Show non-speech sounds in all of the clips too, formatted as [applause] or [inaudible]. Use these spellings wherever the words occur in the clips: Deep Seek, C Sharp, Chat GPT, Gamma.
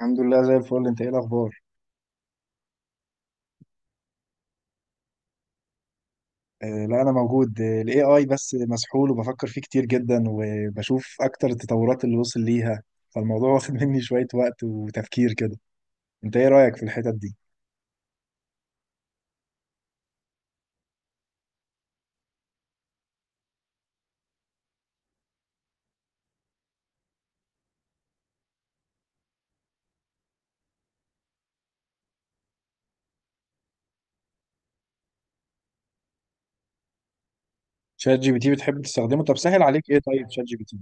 الحمد لله زي الفل. انت ايه الاخبار؟ آه، لا، انا موجود. الاي اي بس مسحول وبفكر فيه كتير جدا وبشوف اكتر التطورات اللي وصل ليها فالموضوع [laughs] واخد مني شوية وقت وتفكير كده. انت ايه رأيك في الحتت دي؟ شات جي بي تي بتحب تستخدمه؟ طب سهل عليك ايه طيب شات جي بي تي؟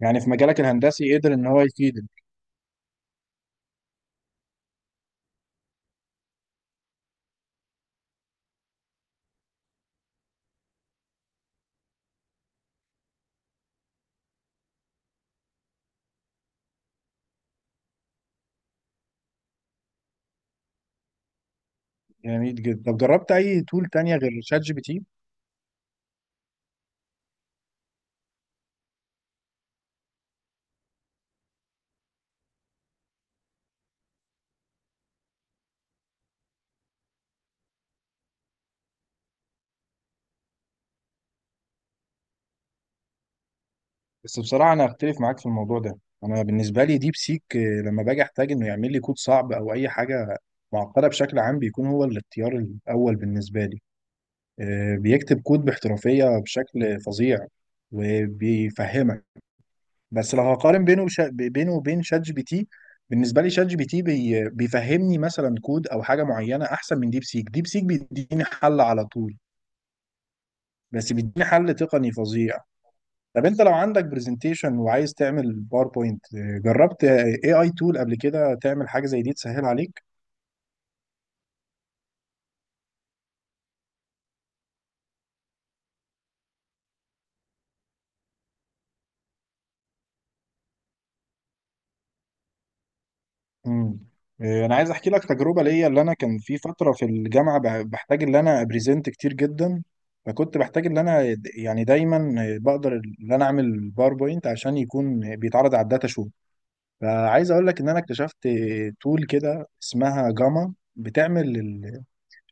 يعني في مجالك الهندسي قدر ان هو يفيدك؟ جميل جدا. طب جربت اي تول تانية غير شات جي بي تي؟ بس بصراحة أنا أختلف معاك في الموضوع ده. أنا بالنسبة لي ديب سيك، لما باجي أحتاج إنه يعمل لي كود صعب أو أي حاجة معقدة بشكل عام بيكون هو الاختيار الأول بالنسبة لي. بيكتب كود باحترافية بشكل فظيع وبيفهمك. بس لو هقارن بينه بينه وبين شات جي بي تي بالنسبة لي شات جي بي تي بيفهمني مثلا كود أو حاجة معينة أحسن من ديب سيك. ديب سيك بيديني حل على طول. بس بيديني حل تقني فظيع. طب انت لو عندك برزنتيشن وعايز تعمل باوربوينت، جربت اي اي تول قبل كده تعمل حاجه زي دي تسهل عليك؟ امم. إيه، انا عايز احكي لك تجربه ليا. اللي انا كان في فتره في الجامعه بحتاج ان انا ابريزنت كتير جدا. فكنت بحتاج ان انا يعني دايما بقدر ان انا اعمل باوربوينت عشان يكون بيتعرض على الداتا شو. فعايز اقول لك ان انا اكتشفت تول كده اسمها جاما بتعمل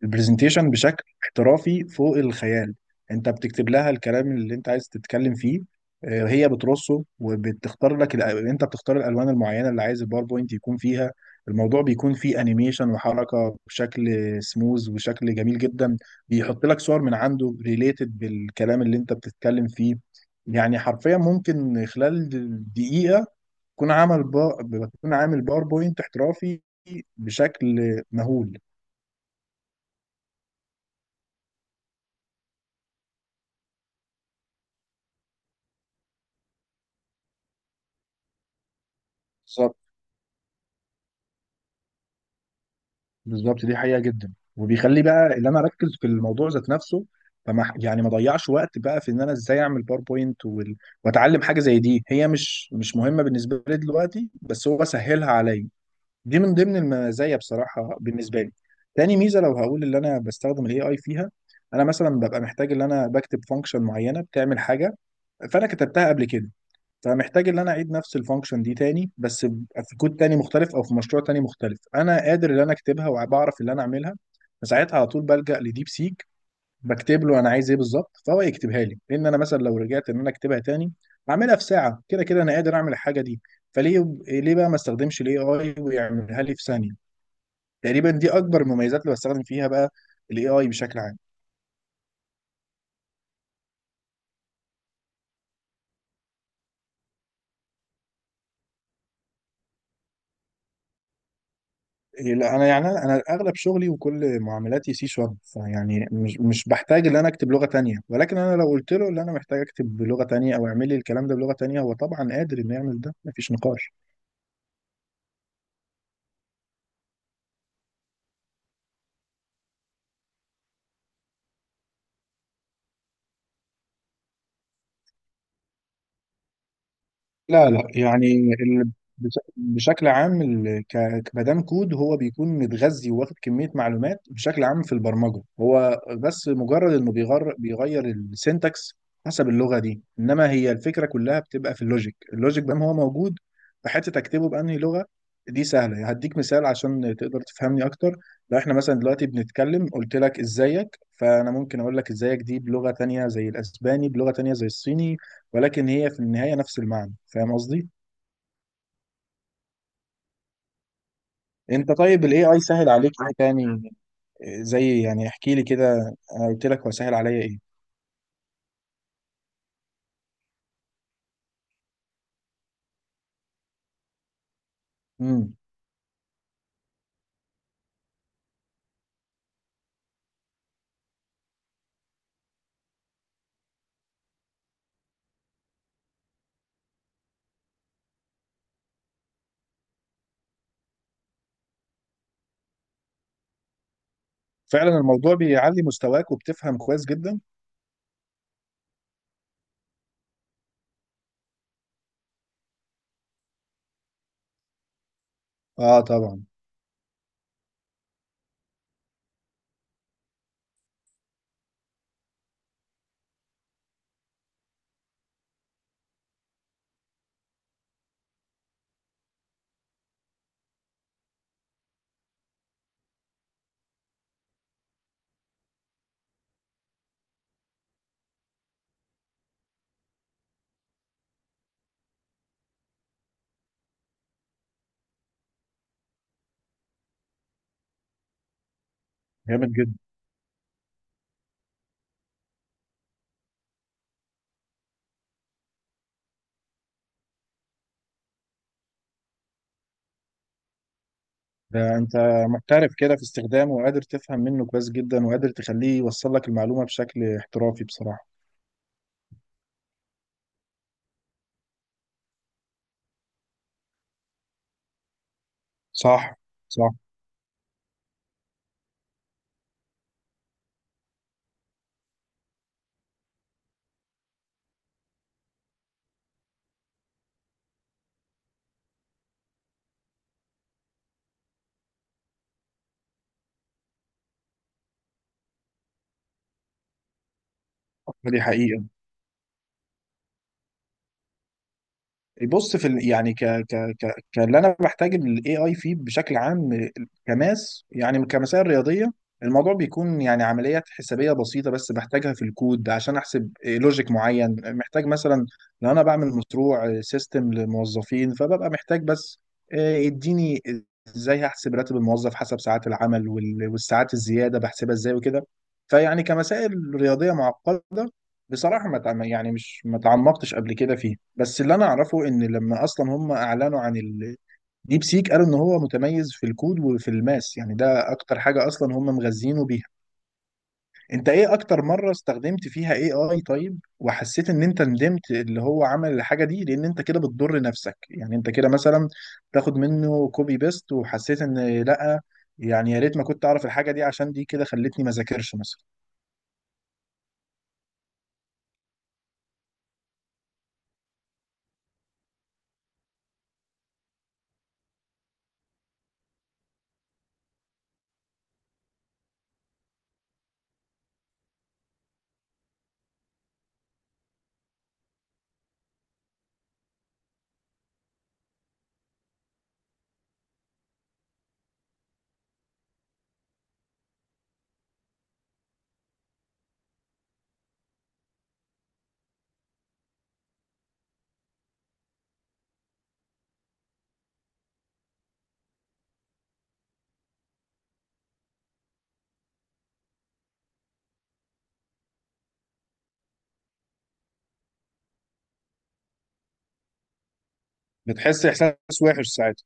البرزنتيشن بشكل احترافي فوق الخيال. انت بتكتب لها الكلام اللي انت عايز تتكلم فيه، هي بترصه وبتختار لك انت بتختار الالوان المعينه اللي عايز الباوربوينت يكون فيها. الموضوع بيكون فيه انيميشن وحركه بشكل سموز وشكل جميل جدا. بيحط لك صور من عنده ريليتد بالكلام اللي انت بتتكلم فيه. يعني حرفيا ممكن خلال دقيقه تكون عامل با... تكون عامل باوربوينت احترافي بشكل مهول. بالظبط. دي حقيقة جدا وبيخلي بقى اللي انا اركز في الموضوع ذات نفسه. فما يعني ما ضيعش وقت بقى في ان انا ازاي اعمل باوربوينت واتعلم حاجة زي دي. هي مش مهمة بالنسبة لي دلوقتي بس هو سهلها عليا. دي من ضمن المزايا بصراحة بالنسبة لي. تاني ميزة لو هقول اللي انا بستخدم الاي اي فيها، انا مثلا ببقى محتاج ان انا بكتب فانكشن معينة بتعمل حاجة، فانا كتبتها قبل كده. فمحتاج ان انا اعيد نفس الفانكشن دي تاني بس في كود تاني مختلف او في مشروع تاني مختلف. انا قادر ان انا اكتبها وبعرف اللي انا اعملها، فساعتها على طول بلجأ لديب سيك. بكتب له انا عايز ايه بالظبط فهو يكتبها لي، لان انا مثلا لو رجعت ان انا اكتبها تاني اعملها في ساعه، كده كده انا قادر اعمل الحاجه دي. فليه ليه بقى ما استخدمش الاي اي ويعملها لي في ثانيه؟ تقريبا دي اكبر المميزات اللي بستخدم فيها بقى الاي اي بشكل عام. إيه، لا، انا يعني انا اغلب شغلي وكل معاملاتي سي شارب، فيعني مش بحتاج ان انا اكتب لغه تانية. ولكن انا لو قلت له ان انا محتاج اكتب بلغه تانية او اعمل لي الكلام ده بلغه تانية هو طبعا قادر انه يعمل ده، مفيش نقاش. لا، لا، يعني بشكل عام كمدام كود هو بيكون متغذي وواخد كمية معلومات بشكل عام في البرمجة، هو بس مجرد انه بيغير السينتاكس حسب اللغة دي. انما هي الفكرة كلها بتبقى في اللوجيك. اللوجيك بقى هو موجود في حتة تكتبه بأنهي لغة. دي سهلة، هديك مثال عشان تقدر تفهمني اكتر. لو احنا مثلا دلوقتي بنتكلم قلت لك ازيك، فانا ممكن اقول لك ازيك دي بلغة تانية زي الاسباني، بلغة تانية زي الصيني، ولكن هي في النهاية نفس المعنى. فاهم قصدي؟ انت طيب الاي اي سهل عليك ايه تاني؟ زي يعني احكي لي كده، انا قلت لك هو سهل عليا ايه؟ امم. فعلا الموضوع بيعلي مستواك وبتفهم كويس جدا؟ اه، طبعا. جامد جدا. ده انت محترف كده في استخدامه وقادر تفهم منه كويس جدا وقادر تخليه يوصل لك المعلومة بشكل احترافي بصراحة. صح. صح. دي حقيقة. بص يعني ك ك ك كاللي انا بحتاج الاي اي فيه بشكل عام كماس، يعني كمسائل رياضيه. الموضوع بيكون يعني عمليات حسابيه بسيطه بس بحتاجها في الكود عشان احسب لوجيك معين، محتاج مثلا لو انا بعمل مشروع سيستم لموظفين فببقى محتاج بس يديني ازاي هحسب راتب الموظف حسب ساعات العمل والساعات الزياده بحسبها ازاي وكده. فيعني كمسائل رياضيه معقده بصراحة ما تعم- يعني مش ما تعمقتش قبل كده فيه. بس اللي أنا أعرفه إن لما أصلا هم أعلنوا عن الديب سيك قالوا إن هو متميز في الكود وفي الماس. يعني ده أكتر حاجة أصلا هم مغذينه بيها. أنت إيه أكتر مرة استخدمت فيها AI طيب؟ وحسيت إن أنت ندمت اللي هو عمل الحاجة دي لأن أنت كده بتضر نفسك؟ يعني أنت كده مثلا تاخد منه كوبي بيست وحسيت إن لأ، يعني يا ريت ما كنت أعرف الحاجة دي عشان دي كده خلتني ما ذاكرش مثلا؟ بتحس إحساس وحش ساعتها؟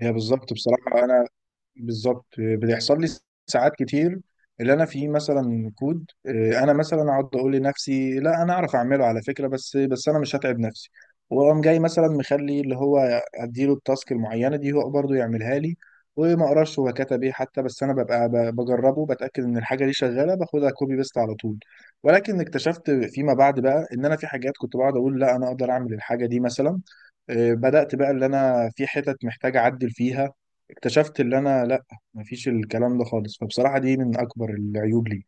هي بالظبط بصراحة. أنا بالظبط بيحصل لي ساعات كتير. اللي انا فيه مثلا كود، انا مثلا اقعد اقول لنفسي لا انا اعرف اعمله على فكره، بس انا مش هتعب نفسي، واقوم جاي مثلا مخلي اللي هو اديله التاسك المعينه دي هو برضه يعملها لي، وما اقراش هو كتب ايه حتى. بس انا ببقى بجربه بتاكد ان الحاجه دي شغاله باخدها كوبي بيست على طول. ولكن اكتشفت فيما بعد بقى ان انا في حاجات كنت بقعد اقول لا انا اقدر اعمل الحاجه دي مثلا، بدات بقى اللي انا في حتت محتاج اعدل فيها، اكتشفت اللي انا لا، مفيش الكلام ده خالص. فبصراحة دي من اكبر العيوب لي.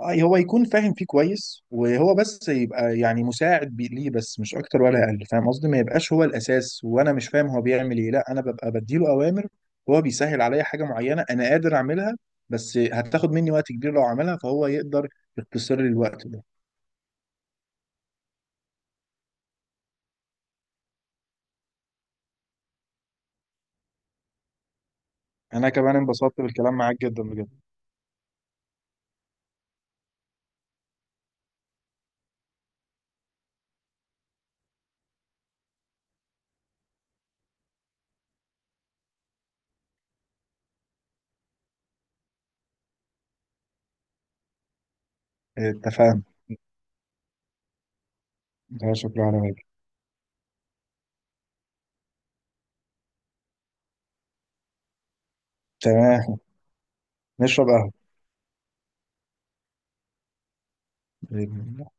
هو يكون فاهم فيه كويس وهو بس يبقى يعني مساعد ليه بس، مش اكتر ولا اقل. فاهم قصدي؟ ما يبقاش هو الاساس وانا مش فاهم هو بيعمل ايه، لا، انا ببقى بديله اوامر. هو بيسهل عليا حاجة معينة انا قادر اعملها بس هتاخد مني وقت كبير لو عملها، فهو يقدر يختصر لي الوقت ده. انا كمان انبسطت بالكلام معاك جدا بجد. اتفقنا. ده شكرا على واجب. تمام. نشرب قهوة.